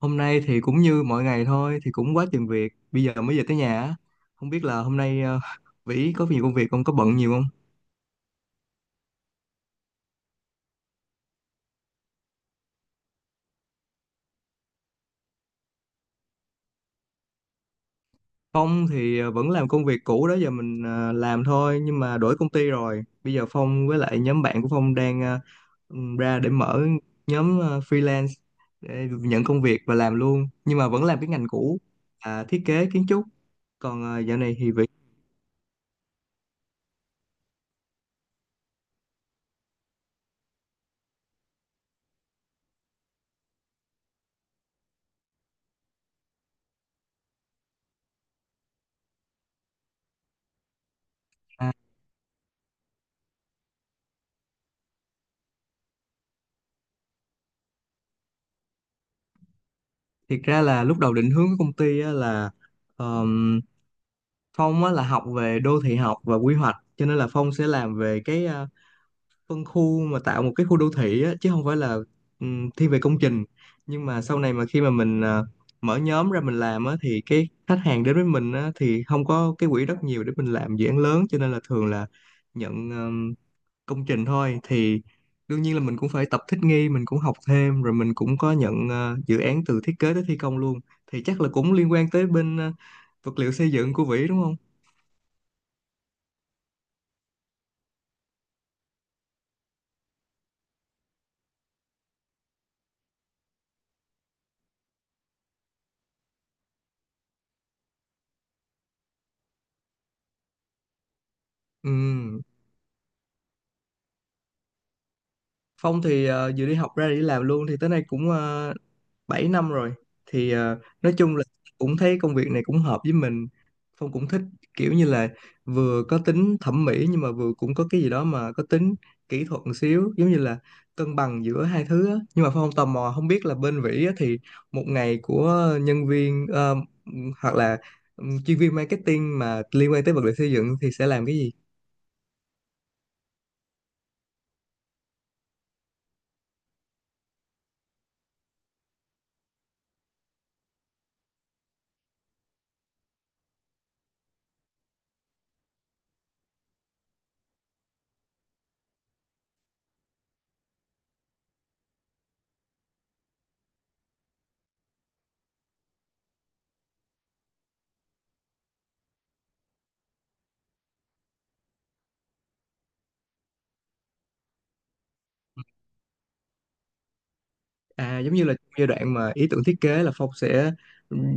Hôm nay thì cũng như mọi ngày thôi, thì cũng quá chừng việc. Bây giờ mới về tới nhà á. Không biết là hôm nay Vĩ có nhiều công việc không, có bận nhiều không? Phong thì vẫn làm công việc cũ đó giờ mình làm thôi, nhưng mà đổi công ty rồi. Bây giờ Phong với lại nhóm bạn của Phong đang ra để mở nhóm freelance để nhận công việc và làm luôn. Nhưng mà vẫn làm cái ngành cũ, là thiết kế kiến trúc. Còn dạo này thì Vĩ, à, thiệt ra là lúc đầu định hướng của công ty á là Phong á, là học về đô thị học và quy hoạch cho nên là Phong sẽ làm về cái phân khu mà tạo một cái khu đô thị á, chứ không phải là thiên về công trình, nhưng mà sau này mà khi mà mình mở nhóm ra mình làm á, thì cái khách hàng đến với mình á, thì không có cái quỹ đất nhiều để mình làm dự án lớn cho nên là thường là nhận công trình thôi thì đương nhiên là mình cũng phải tập thích nghi, mình cũng học thêm rồi mình cũng có nhận dự án từ thiết kế tới thi công luôn, thì chắc là cũng liên quan tới bên vật liệu xây dựng của Vĩ đúng không? Ừ, Phong thì vừa đi học ra để đi làm luôn thì tới nay cũng 7 năm rồi, thì nói chung là cũng thấy công việc này cũng hợp với mình. Phong cũng thích kiểu như là vừa có tính thẩm mỹ nhưng mà vừa cũng có cái gì đó mà có tính kỹ thuật một xíu, giống như là cân bằng giữa hai thứ á. Nhưng mà Phong tò mò không biết là bên Vĩ á, thì một ngày của nhân viên hoặc là ừ, chuyên viên marketing mà liên quan tới vật liệu xây dựng thì sẽ làm cái gì. À giống như là giai đoạn mà ý tưởng thiết kế là Phong sẽ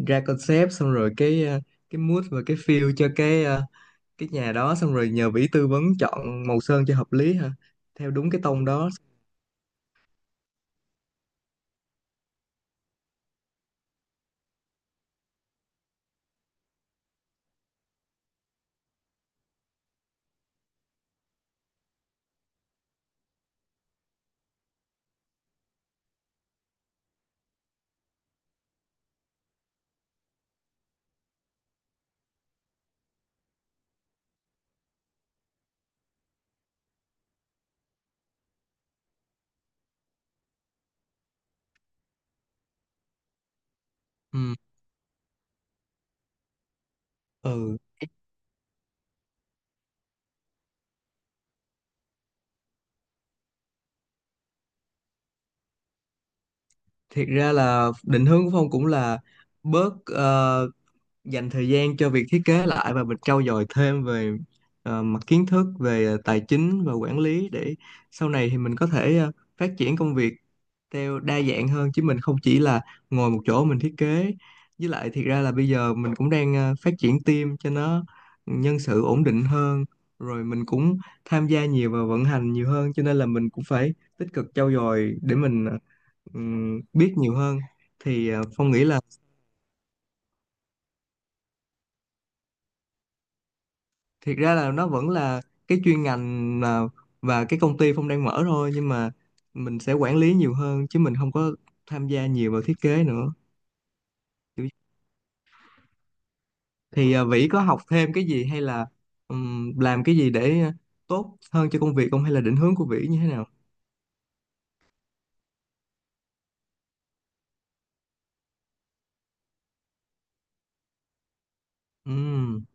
ra concept xong rồi cái cái mood và cái feel cho cái cái nhà đó xong rồi nhờ vĩ tư vấn chọn màu sơn cho hợp lý ha, theo đúng cái tông đó. Ừ. Ừ, thiệt ra là định hướng của Phong cũng là bớt dành thời gian cho việc thiết kế lại và mình trau dồi thêm về mặt kiến thức về tài chính và quản lý, để sau này thì mình có thể phát triển công việc theo đa dạng hơn chứ mình không chỉ là ngồi một chỗ mình thiết kế. Với lại thiệt ra là bây giờ mình cũng đang phát triển team cho nó nhân sự ổn định hơn, rồi mình cũng tham gia nhiều vào vận hành nhiều hơn cho nên là mình cũng phải tích cực trau dồi để mình biết nhiều hơn. Thì Phong nghĩ là thiệt ra là nó vẫn là cái chuyên ngành mà và cái công ty Phong đang mở thôi, nhưng mà mình sẽ quản lý nhiều hơn chứ mình không có tham gia nhiều vào thiết kế nữa. Thì Vĩ có học thêm cái gì hay là làm cái gì để tốt hơn cho công việc không, hay là định hướng của Vĩ như thế nào? Ừm,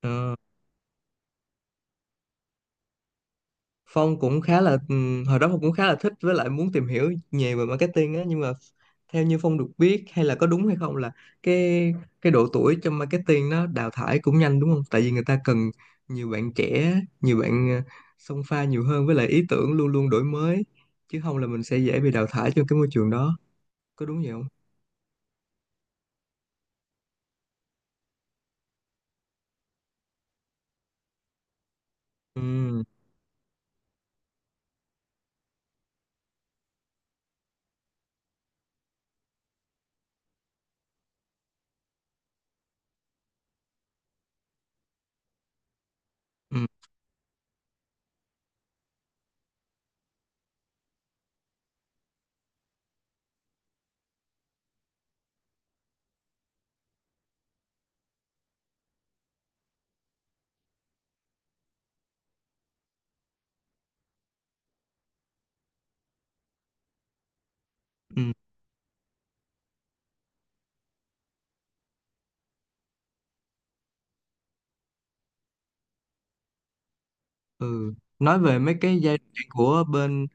ờ. Phong cũng khá là hồi đó Phong cũng khá là thích với lại muốn tìm hiểu nhiều về marketing á, nhưng mà theo như Phong được biết hay là có đúng hay không là cái cái độ tuổi trong marketing nó đào thải cũng nhanh đúng không? Tại vì người ta cần nhiều bạn trẻ, nhiều bạn xông pha nhiều hơn với lại ý tưởng luôn luôn đổi mới, chứ không là mình sẽ dễ bị đào thải trong cái môi trường đó. Có đúng vậy không? Ừ, ừ, ừ. Ừ. Nói về mấy cái giai đoạn của bên.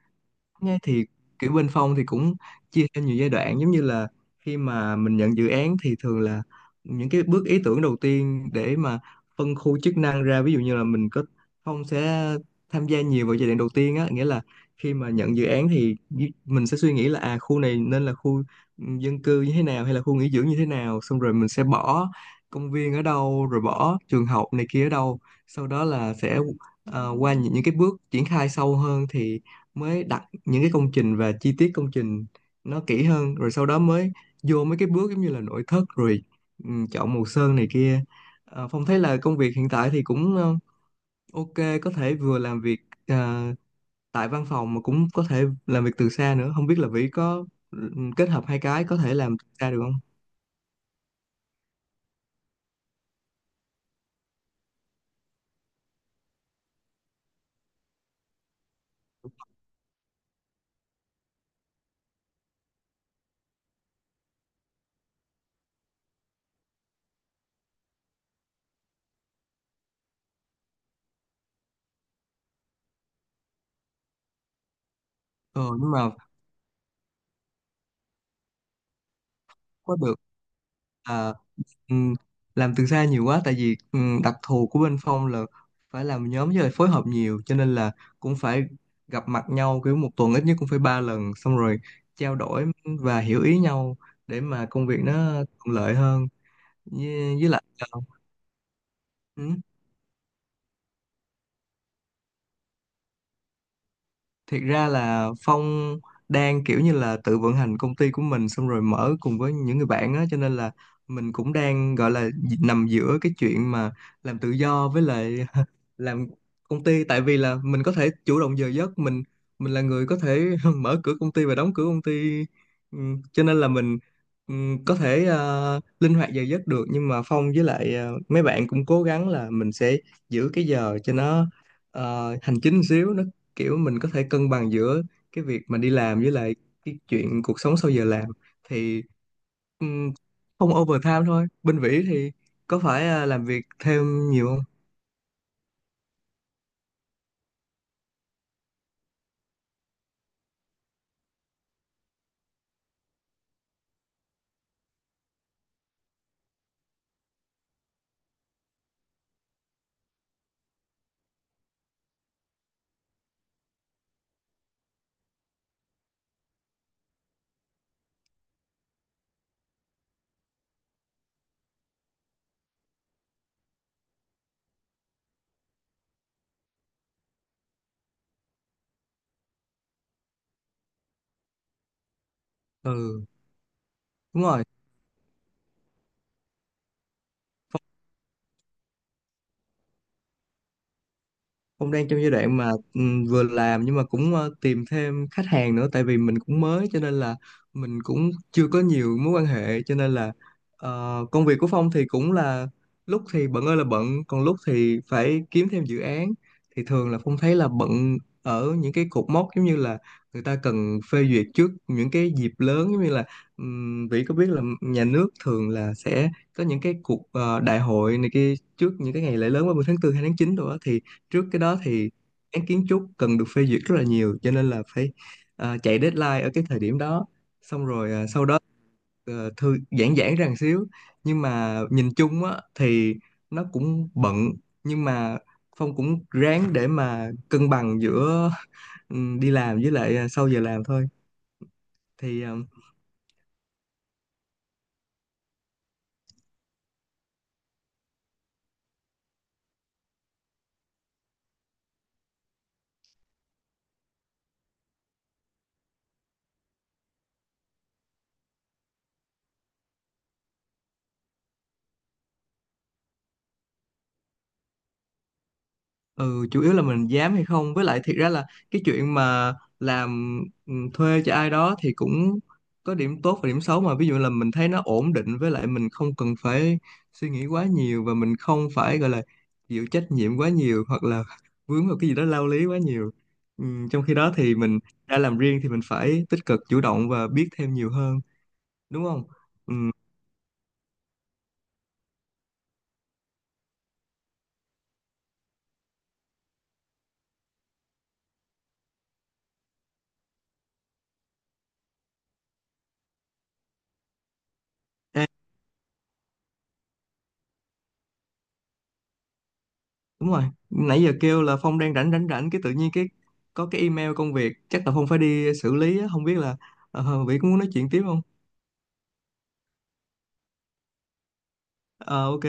Nghe thì kiểu bên Phong thì cũng chia theo nhiều giai đoạn, giống như là khi mà mình nhận dự án thì thường là những cái bước ý tưởng đầu tiên để mà phân khu chức năng ra, ví dụ như là mình có Phong sẽ tham gia nhiều vào giai đoạn đầu tiên á, nghĩa là khi mà nhận dự án thì mình sẽ suy nghĩ là à khu này nên là khu dân cư như thế nào hay là khu nghỉ dưỡng như thế nào, xong rồi mình sẽ bỏ công viên ở đâu rồi bỏ trường học này kia ở đâu, sau đó là sẽ qua những cái bước triển khai sâu hơn thì mới đặt những cái công trình và chi tiết công trình nó kỹ hơn, rồi sau đó mới vô mấy cái bước giống như là nội thất rồi ừ, chọn màu sơn này kia. Ờ, Phong thấy là công việc hiện tại thì cũng ok, có thể vừa làm việc ờ, tại văn phòng mà cũng có thể làm việc từ xa nữa, không biết là Vĩ có ừ, kết hợp hai cái có thể làm từ xa được không. Ờ nhưng mà có được. Ừ, làm từ xa nhiều quá tại vì ừ, đặc thù của bên Phong là phải làm nhóm với lại phối hợp nhiều cho nên là cũng phải gặp mặt nhau kiểu một tuần ít nhất cũng phải 3 lần, xong rồi trao đổi và hiểu ý nhau để mà công việc nó thuận lợi hơn, với lại ừ. Thiệt ra là Phong đang kiểu như là tự vận hành công ty của mình xong rồi mở cùng với những người bạn á, cho nên là mình cũng đang gọi là nằm giữa cái chuyện mà làm tự do với lại làm công ty, tại vì là mình có thể chủ động giờ giấc mình là người có thể mở cửa công ty và đóng cửa công ty. Ừ, cho nên là mình ừ, có thể linh hoạt giờ giấc được, nhưng mà Phong với lại mấy bạn cũng cố gắng là mình sẽ giữ cái giờ cho nó hành chính xíu, nó kiểu mình có thể cân bằng giữa cái việc mà đi làm với lại cái chuyện cuộc sống sau giờ làm. Thì ừm, không overtime thôi, bên Vĩ thì có phải làm việc thêm nhiều không? Ừ đúng rồi, cũng đang trong giai đoạn mà vừa làm nhưng mà cũng tìm thêm khách hàng nữa, tại vì mình cũng mới cho nên là mình cũng chưa có nhiều mối quan hệ, cho nên là công việc của Phong thì cũng là lúc thì bận ơi là bận, còn lúc thì phải kiếm thêm dự án. Thì thường là Phong thấy là bận ở những cái cột mốc giống như là người ta cần phê duyệt trước những cái dịp lớn, giống như là Vĩ có biết là nhà nước thường là sẽ có những cái cuộc đại hội này kia trước những cái ngày lễ lớn 30 tháng 4, hay tháng 9 rồi á, thì trước cái đó thì án kiến trúc cần được phê duyệt rất là nhiều, cho nên là phải chạy deadline ở cái thời điểm đó, xong rồi sau đó thư giãn giãn ra một xíu. Nhưng mà nhìn chung á thì nó cũng bận, nhưng mà Phong cũng ráng để mà cân bằng giữa ừ, đi làm với lại sau giờ làm thôi. Thì ừ, chủ yếu là mình dám hay không, với lại thiệt ra là cái chuyện mà làm ừ, thuê cho ai đó thì cũng có điểm tốt và điểm xấu. Mà ví dụ là mình thấy nó ổn định với lại mình không cần phải suy nghĩ quá nhiều, và mình không phải gọi là chịu trách nhiệm quá nhiều hoặc là vướng vào cái gì đó lao lý quá nhiều ừ, trong khi đó thì mình đã làm riêng thì mình phải tích cực chủ động và biết thêm nhiều hơn, đúng không? Ừ, đúng rồi. Nãy giờ kêu là Phong đang rảnh rảnh rảnh cái tự nhiên cái có cái email công việc, chắc là Phong phải đi xử lý á. Không biết là Vĩ có muốn nói chuyện tiếp không? Ờ ok